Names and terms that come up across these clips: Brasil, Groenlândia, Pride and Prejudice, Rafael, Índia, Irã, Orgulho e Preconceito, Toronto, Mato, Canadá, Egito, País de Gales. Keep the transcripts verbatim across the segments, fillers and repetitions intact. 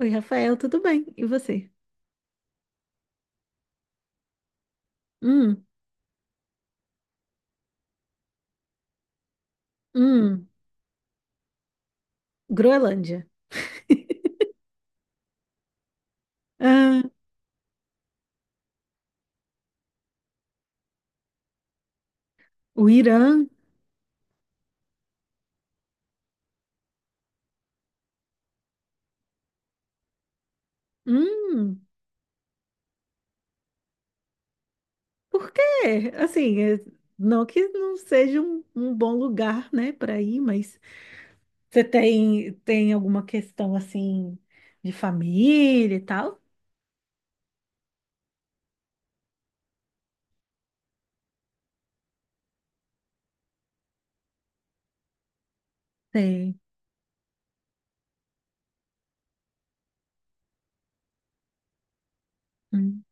Oi, Rafael, tudo bem? E você? Hum, hum, Groenlândia. Ah, o Irã. Hum, por quê? Assim, é- não que não seja um, um bom lugar, né, para ir, mas você tem, tem alguma questão, assim, de família e tal? Tem. Hum.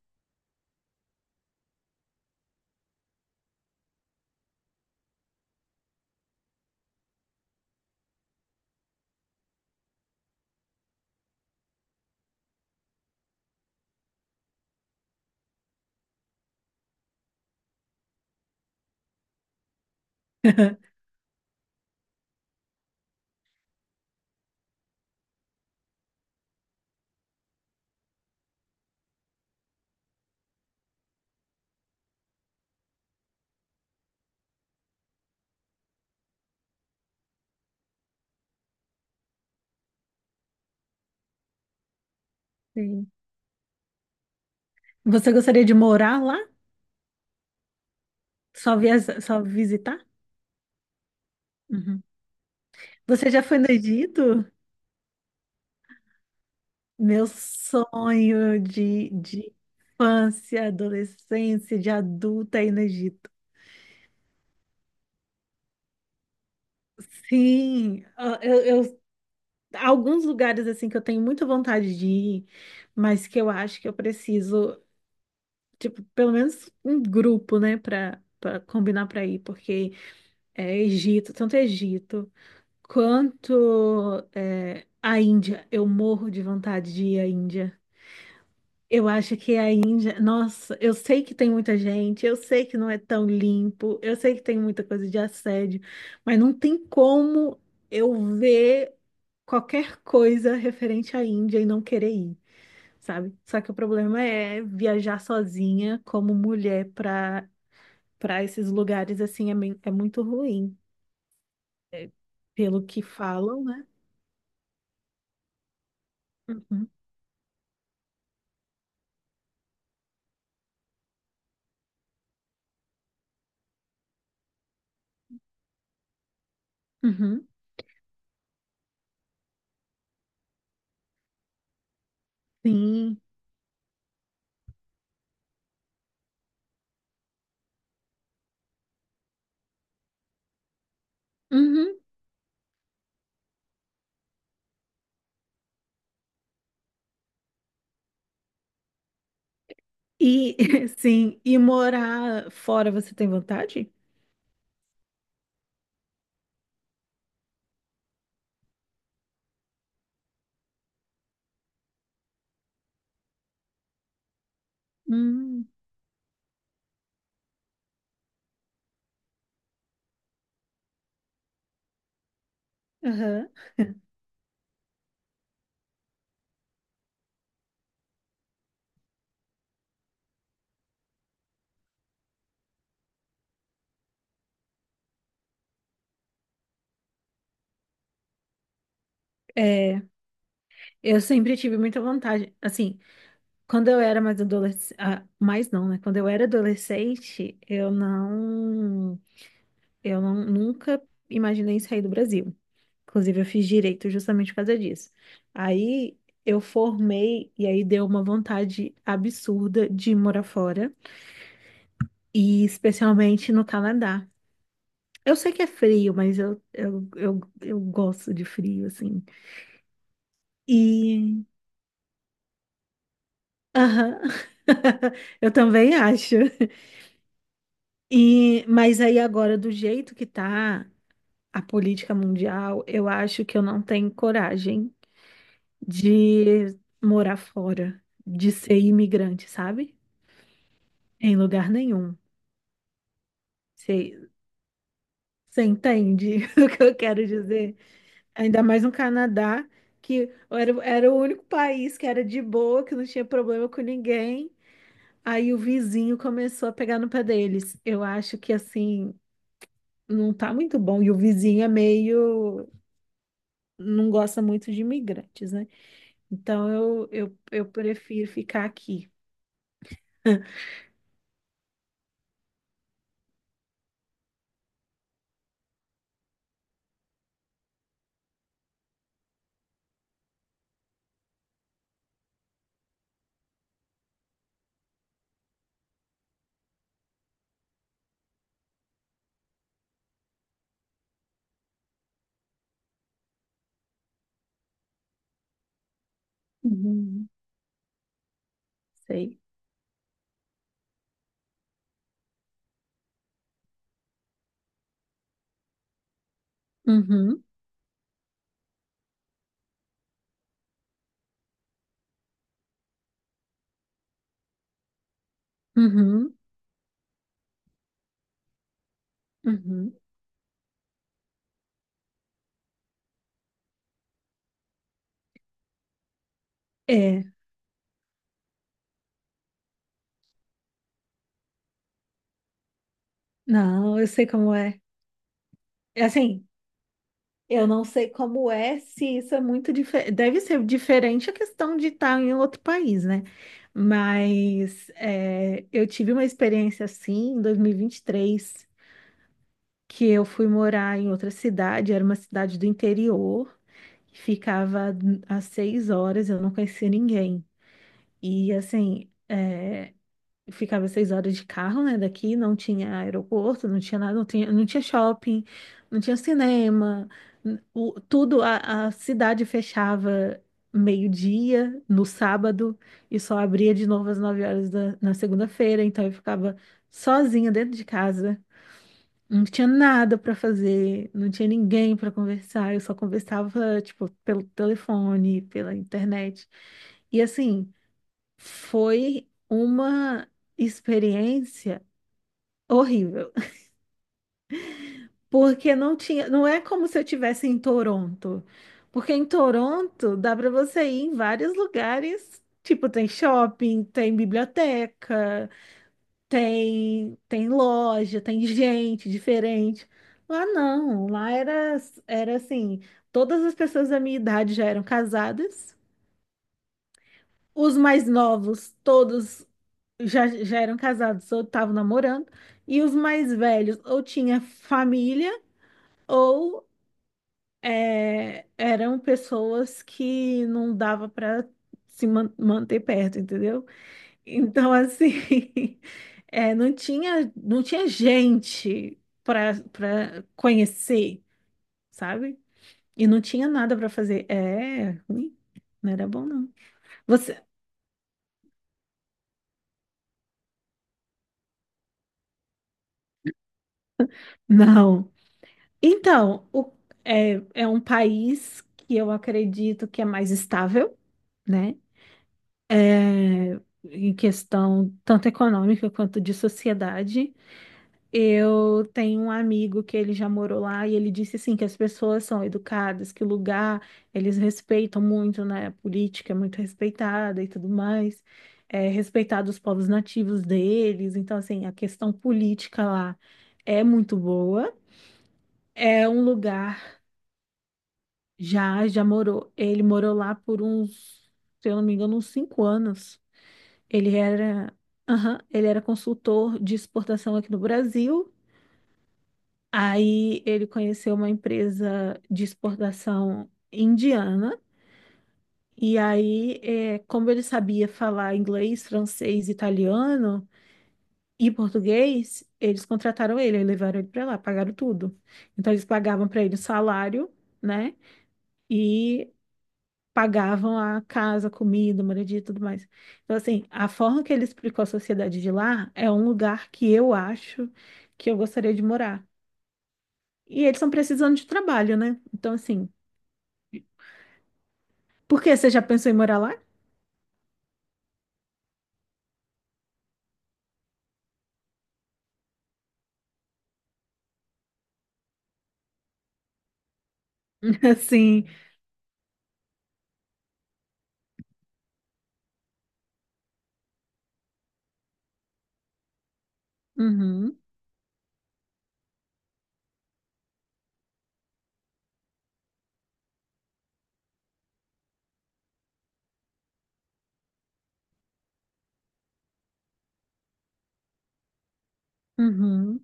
Tem. Você gostaria de morar lá? Só via- só visitar? Uhum. Você já foi no Egito? Meu sonho de, de infância, adolescência, de adulta aí no Egito. Sim, ah, eu, eu- alguns lugares assim que eu tenho muita vontade de ir, mas que eu acho que eu preciso, tipo, pelo menos um grupo, né, para para combinar para ir, porque é Egito, tanto Egito quanto é, a Índia. Eu morro de vontade de ir à Índia. Eu acho que a Índia, nossa, eu sei que tem muita gente, eu sei que não é tão limpo, eu sei que tem muita coisa de assédio, mas não tem como eu ver qualquer coisa referente à Índia e não querer ir, sabe? Só que o problema é viajar sozinha como mulher para para esses lugares assim é, men- é muito ruim, é, pelo que falam, né? Uhum, uhum, sim. Uhum. E sim, e morar fora você tem vontade? Hum, aham. É, eu sempre tive muita vontade. Assim, quando eu era mais adolescente, mais não, né? Quando eu era adolescente, eu não, eu não, nunca imaginei sair do Brasil. Inclusive, eu fiz direito justamente por causa disso. Aí eu formei e aí deu uma vontade absurda de morar fora, e especialmente no Canadá. Eu sei que é frio, mas eu, eu, eu, eu gosto de frio, assim. Aham. Eu também acho. E, mas aí agora, do jeito que tá a política mundial, eu acho que eu não tenho coragem de morar fora, de ser imigrante, sabe? Em lugar nenhum. Você, você entende o que eu quero dizer? Ainda mais no Canadá, que era, era o único país que era de boa, que não tinha problema com ninguém. Aí o vizinho começou a pegar no pé deles. Eu acho que assim. Não tá muito bom. E o vizinho é meio, não gosta muito de imigrantes, né? Então eu, eu, eu prefiro ficar aqui. Uhum, sei. Uhum, uhum, uhum. É, não, eu sei como é. É assim, eu não sei como é se isso é muito diferente. Deve ser diferente a questão de estar em outro país, né? Mas é, eu tive uma experiência assim em dois mil e vinte e três, que eu fui morar em outra cidade, era uma cidade do interior, que ficava às seis horas, eu não conhecia ninguém. E assim, é, eu ficava seis horas de carro, né, daqui, não tinha aeroporto, não tinha nada, não tinha, não tinha shopping, não tinha cinema, n- o- tudo, a, a cidade fechava meio-dia no sábado e só abria de novo às nove horas da, na segunda-feira, então eu ficava sozinha dentro de casa. Não tinha nada para fazer, não tinha ninguém para conversar, eu só conversava, tipo, pelo telefone, pela internet. E assim, foi uma experiência horrível, porque não tinha, não é como se eu tivesse em Toronto. Porque em Toronto dá para você ir em vários lugares, tipo, tem shopping, tem biblioteca, tem tem loja, tem gente diferente. Lá não, lá era era assim, todas as pessoas da minha idade já eram casadas. Os mais novos, todos já, já eram casados ou estavam namorando, e os mais velhos ou tinha família ou é, eram pessoas que não dava para se man- manter perto, entendeu? Então, assim, é, não tinha, não tinha gente para para conhecer, sabe? E não tinha nada para fazer. É, ruim. Não era bom, não. Você, não. Então, o- é, é um país que eu acredito que é mais estável, né? É, em questão tanto econômica quanto de sociedade. Eu tenho um amigo que ele já morou lá e ele disse assim que as pessoas são educadas, que o lugar eles respeitam muito, né? A política é muito respeitada e tudo mais, é respeitado os povos nativos deles. Então, assim, a questão política lá é muito boa. É um lugar já já morou. Ele morou lá por uns, se eu não me engano, uns cinco anos. Ele era, aham, ele era consultor de exportação aqui no Brasil. Aí ele conheceu uma empresa de exportação indiana, e aí, eh, como ele sabia falar inglês, francês, italiano e português, eles contrataram ele, aí levaram ele para lá, pagaram tudo. Então eles pagavam para ele o salário, né? E pagavam a casa, comida, moradia e tudo mais. Então, assim, a forma que ele explicou a sociedade de lá é um lugar que eu acho que eu gostaria de morar. E eles estão precisando de trabalho, né? Então, assim. Por quê? Você já pensou em morar lá? Sim. Uhum, uhum,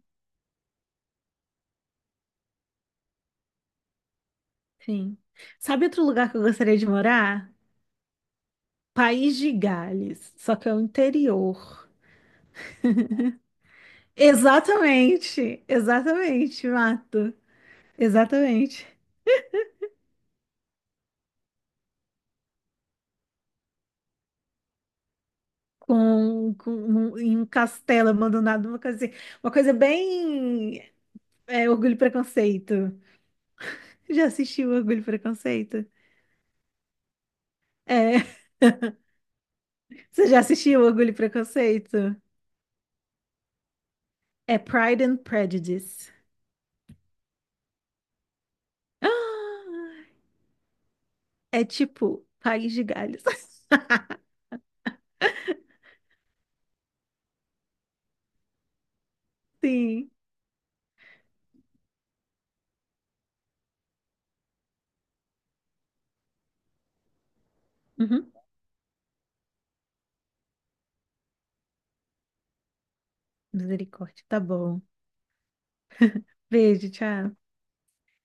sim. Sabe outro lugar que eu gostaria de morar? País de Gales, só que é o interior. Exatamente, exatamente, Mato. Exatamente. Com, com um, em um castelo abandonado, uma coisa assim. Uma coisa bem é, orgulho e preconceito. Já assistiu Orgulho e Preconceito? É. Você já assistiu Orgulho e Preconceito? É Pride and Prejudice. Ah, é tipo País de Galhos. Sim. Uhum. Misericórdia. Tá bom. Beijo, tchau.